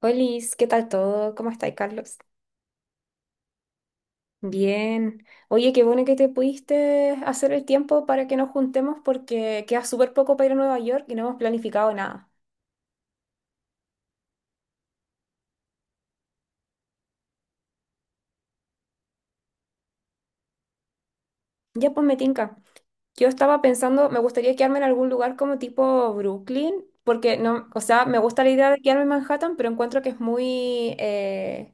Olis, ¿qué tal todo? ¿Cómo estáis, Carlos? Bien. Oye, qué bueno que te pudiste hacer el tiempo para que nos juntemos porque queda súper poco para ir a Nueva York y no hemos planificado nada. Ya pues me tinca. Yo estaba pensando, me gustaría quedarme en algún lugar como tipo Brooklyn, porque no, o sea, me gusta la idea de quedarme en Manhattan, pero encuentro que es muy,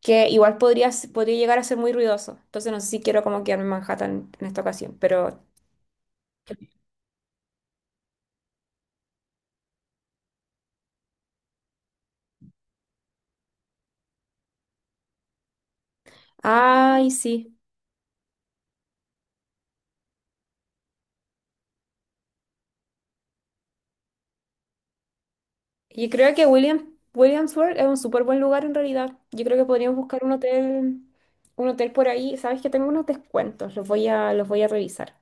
que igual podría, podría llegar a ser muy ruidoso. Entonces no sé si quiero como quedarme en Manhattan en esta ocasión, pero. Ay, sí. Yo creo que Williamsburg es un súper buen lugar en realidad. Yo creo que podríamos buscar un hotel por ahí. Sabes que tengo unos descuentos, los voy a revisar.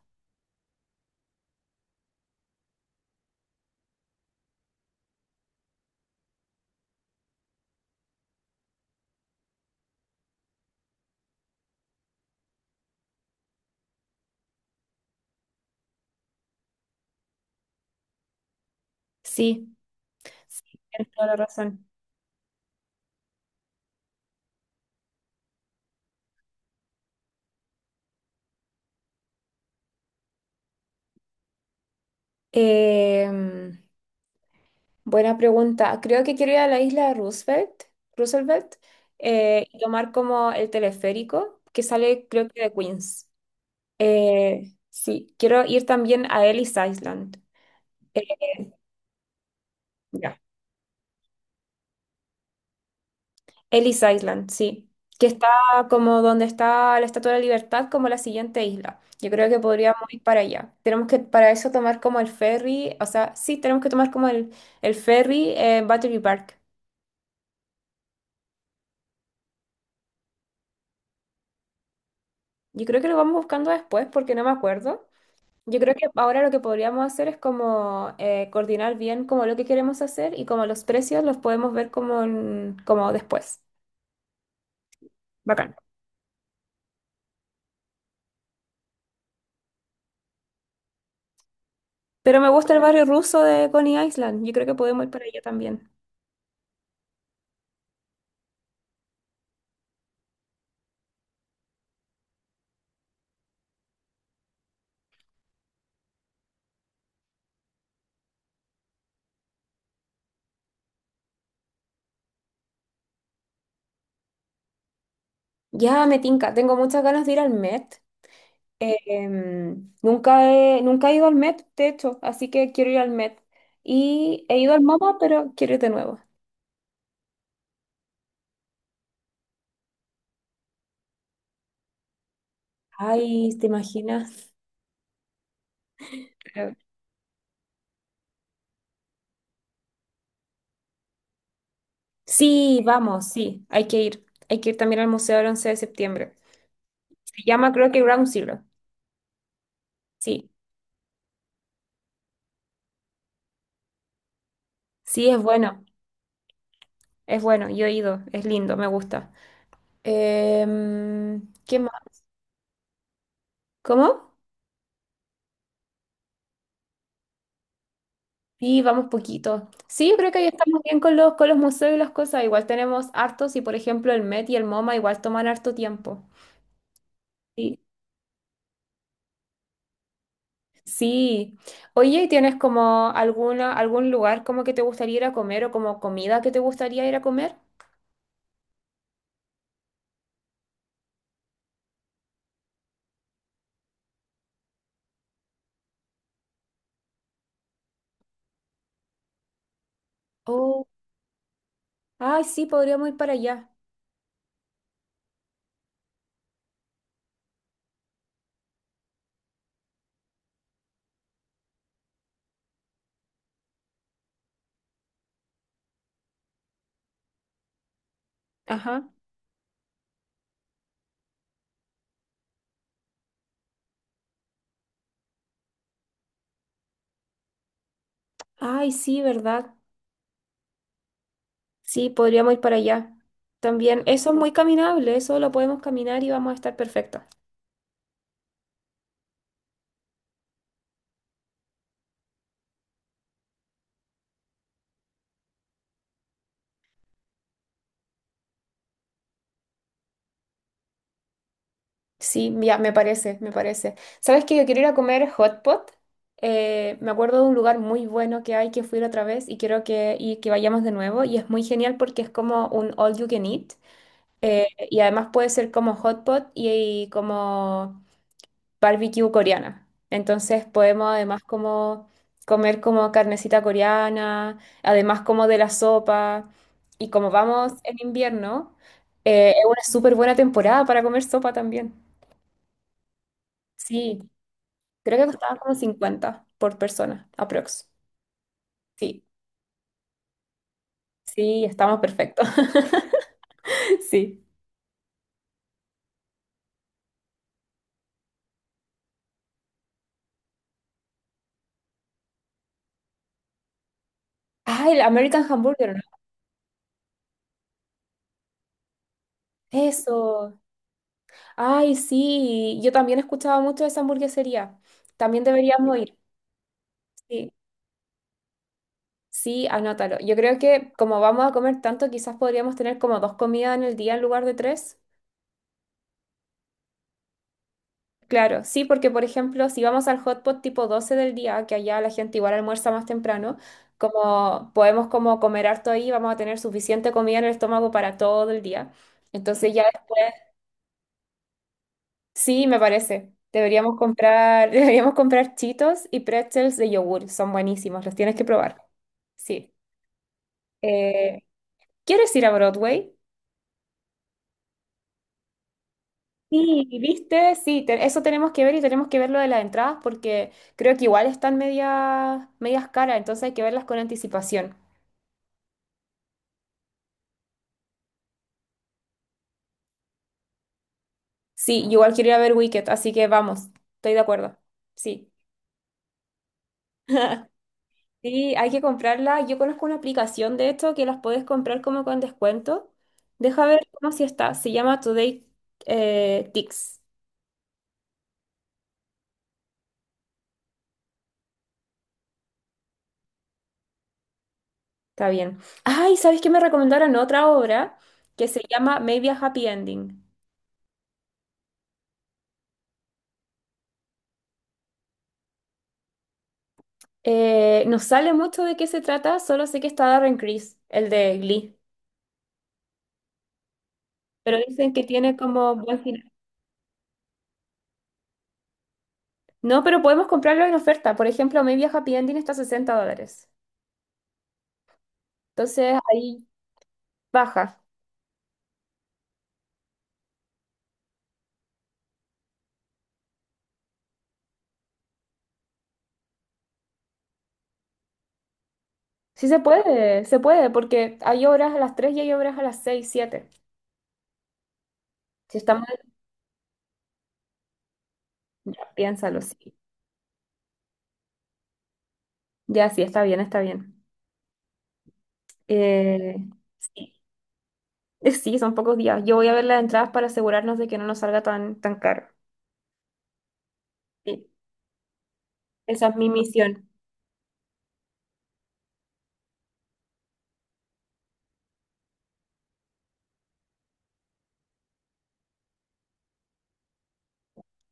Sí, sí, tienes toda la razón. Em, buena pregunta. Creo que quiero ir a la isla de Roosevelt, Roosevelt, y tomar como el teleférico que sale, creo que de Queens. Sí, quiero ir también a Ellis Island. Eh, ya. Ellis Island, sí, que está como donde está la Estatua de la Libertad, como la siguiente isla. Yo creo que podríamos ir para allá. Tenemos que para eso tomar como el ferry, o sea, sí, tenemos que tomar como el ferry en Battery Park. Yo creo que lo vamos buscando después porque no me acuerdo. Yo creo que ahora lo que podríamos hacer es como coordinar bien como lo que queremos hacer y como los precios los podemos ver como, como después. Bacán. Pero me gusta el barrio ruso de Coney Island. Yo creo que podemos ir para allá también. Ya me tinca, tengo muchas ganas de ir al Met. Nunca he ido al Met, de hecho, así que quiero ir al Met. Y he ido al MoMA, pero quiero ir de nuevo. Ay, ¿te imaginas? Creo- Sí, vamos, sí, hay que ir. Hay que ir también al museo del 11 de septiembre. Se llama, creo que Ground Zero. Sí, sí, es bueno, yo he ido, es lindo, me gusta. ¿Qué más? ¿Cómo? Sí, vamos poquito. Sí, yo creo que ahí estamos bien con con los museos y las cosas. Igual tenemos hartos y, por ejemplo, el Met y el MoMA igual toman harto tiempo. Sí. Sí. Oye, ¿y tienes como algún lugar como que te gustaría ir a comer o como comida que te gustaría ir a comer? Oh, ay, sí, podríamos ir para allá. Ajá. Ay, sí, ¿verdad? Sí, podríamos ir para allá. También, eso es muy caminable, eso lo podemos caminar y vamos a estar perfectos. Sí, ya, me parece, me parece. ¿Sabes que yo quiero ir a comer hot pot? Me acuerdo de un lugar muy bueno que hay que fui la otra vez y quiero y que vayamos de nuevo. Y es muy genial porque es como un all you can eat. Y además puede ser como hot pot y como barbecue coreana. Entonces podemos además como comer como carnecita coreana, además como de la sopa. Y como vamos en invierno, es una súper buena temporada para comer sopa también. Sí. Creo que costaba como 50 por persona, aprox. Sí, sí, estamos perfectos. Sí. Ay, el American Hamburger, ¿no? Eso. Ay, sí. Yo también escuchaba mucho de esa hamburguesería. También deberíamos ir. Sí, sí, anótalo. Yo creo que como vamos a comer tanto, quizás podríamos tener como dos comidas en el día en lugar de tres. Claro, sí, porque por ejemplo, si vamos al hot pot tipo 12 del día, que allá la gente igual almuerza más temprano, como podemos como comer harto ahí, vamos a tener suficiente comida en el estómago para todo el día. Entonces ya, sí, me parece. Deberíamos comprar, deberíamos comprar Cheetos y pretzels de yogur, son buenísimos, los tienes que probar. Sí. Eh, ¿Quieres ir a Broadway? Sí, viste, sí, eso tenemos que ver y tenemos que ver lo de las entradas porque creo que igual están medias, medias caras, entonces hay que verlas con anticipación. Sí, yo igual quiero ir a ver Wicked, así que vamos, estoy de acuerdo. Sí. Sí, hay que comprarla. Yo conozco una aplicación de esto que las puedes comprar como con descuento. Deja ver cómo si está. Se llama Today Tix. Está bien. Ay, ¿sabes qué me recomendaron otra obra que se llama Maybe a Happy Ending? No sale mucho de qué se trata, solo sé que está Darren Criss, el de Glee. Pero dicen que tiene como buen final. No, pero podemos comprarlo en oferta. Por ejemplo, Maybe a Happy Ending está a $60. Entonces ahí baja. Sí se puede, porque hay obras a las 3 y hay obras a las 6 7. Si está mal, piénsalo, sí. Ya, sí, está bien, está bien. Eh, sí. Sí, son pocos días. Yo voy a ver las entradas para asegurarnos de que no nos salga tan, tan caro. Sí, esa es mi misión.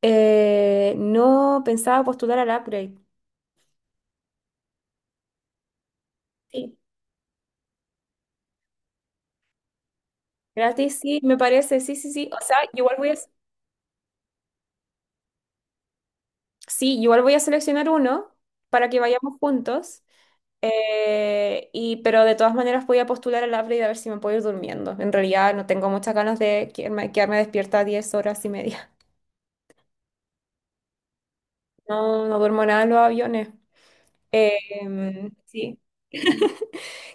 No pensaba postular al upgrade. Sí, gratis, sí, me parece, sí, sí, sí. O sea, igual voy a, sí, igual voy a seleccionar uno para que vayamos juntos. Pero de todas maneras voy a postular al APRE y a ver si me puedo ir durmiendo. En realidad no tengo muchas ganas de quedarme despierta 10 horas y media. No, no duermo nada en los aviones. Sí.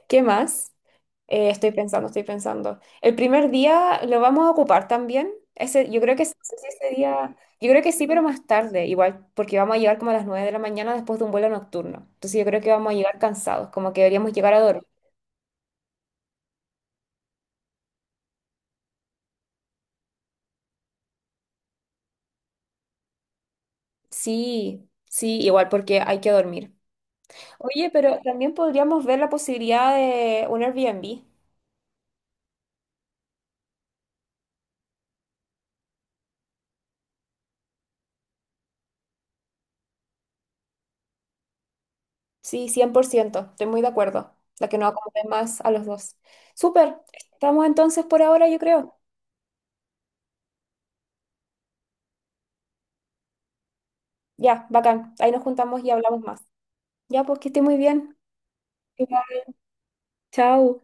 ¿Qué más? Estoy pensando, estoy pensando. El primer día lo vamos a ocupar también. Ese, yo creo que sí, sí, ese día, yo creo que sí, pero más tarde, igual, porque vamos a llegar como a las 9 de la mañana después de un vuelo nocturno. Entonces yo creo que vamos a llegar cansados, como que deberíamos llegar a dormir. Sí, sí, igual porque hay que dormir. Oye, pero también podríamos ver la posibilidad de un Airbnb. Sí, 100%, estoy muy de acuerdo. La que nos acomode más a los dos. Súper, estamos entonces por ahora, yo creo. Ya, bacán. Ahí nos juntamos y hablamos más. Ya, pues que esté muy bien. Igual, Chao.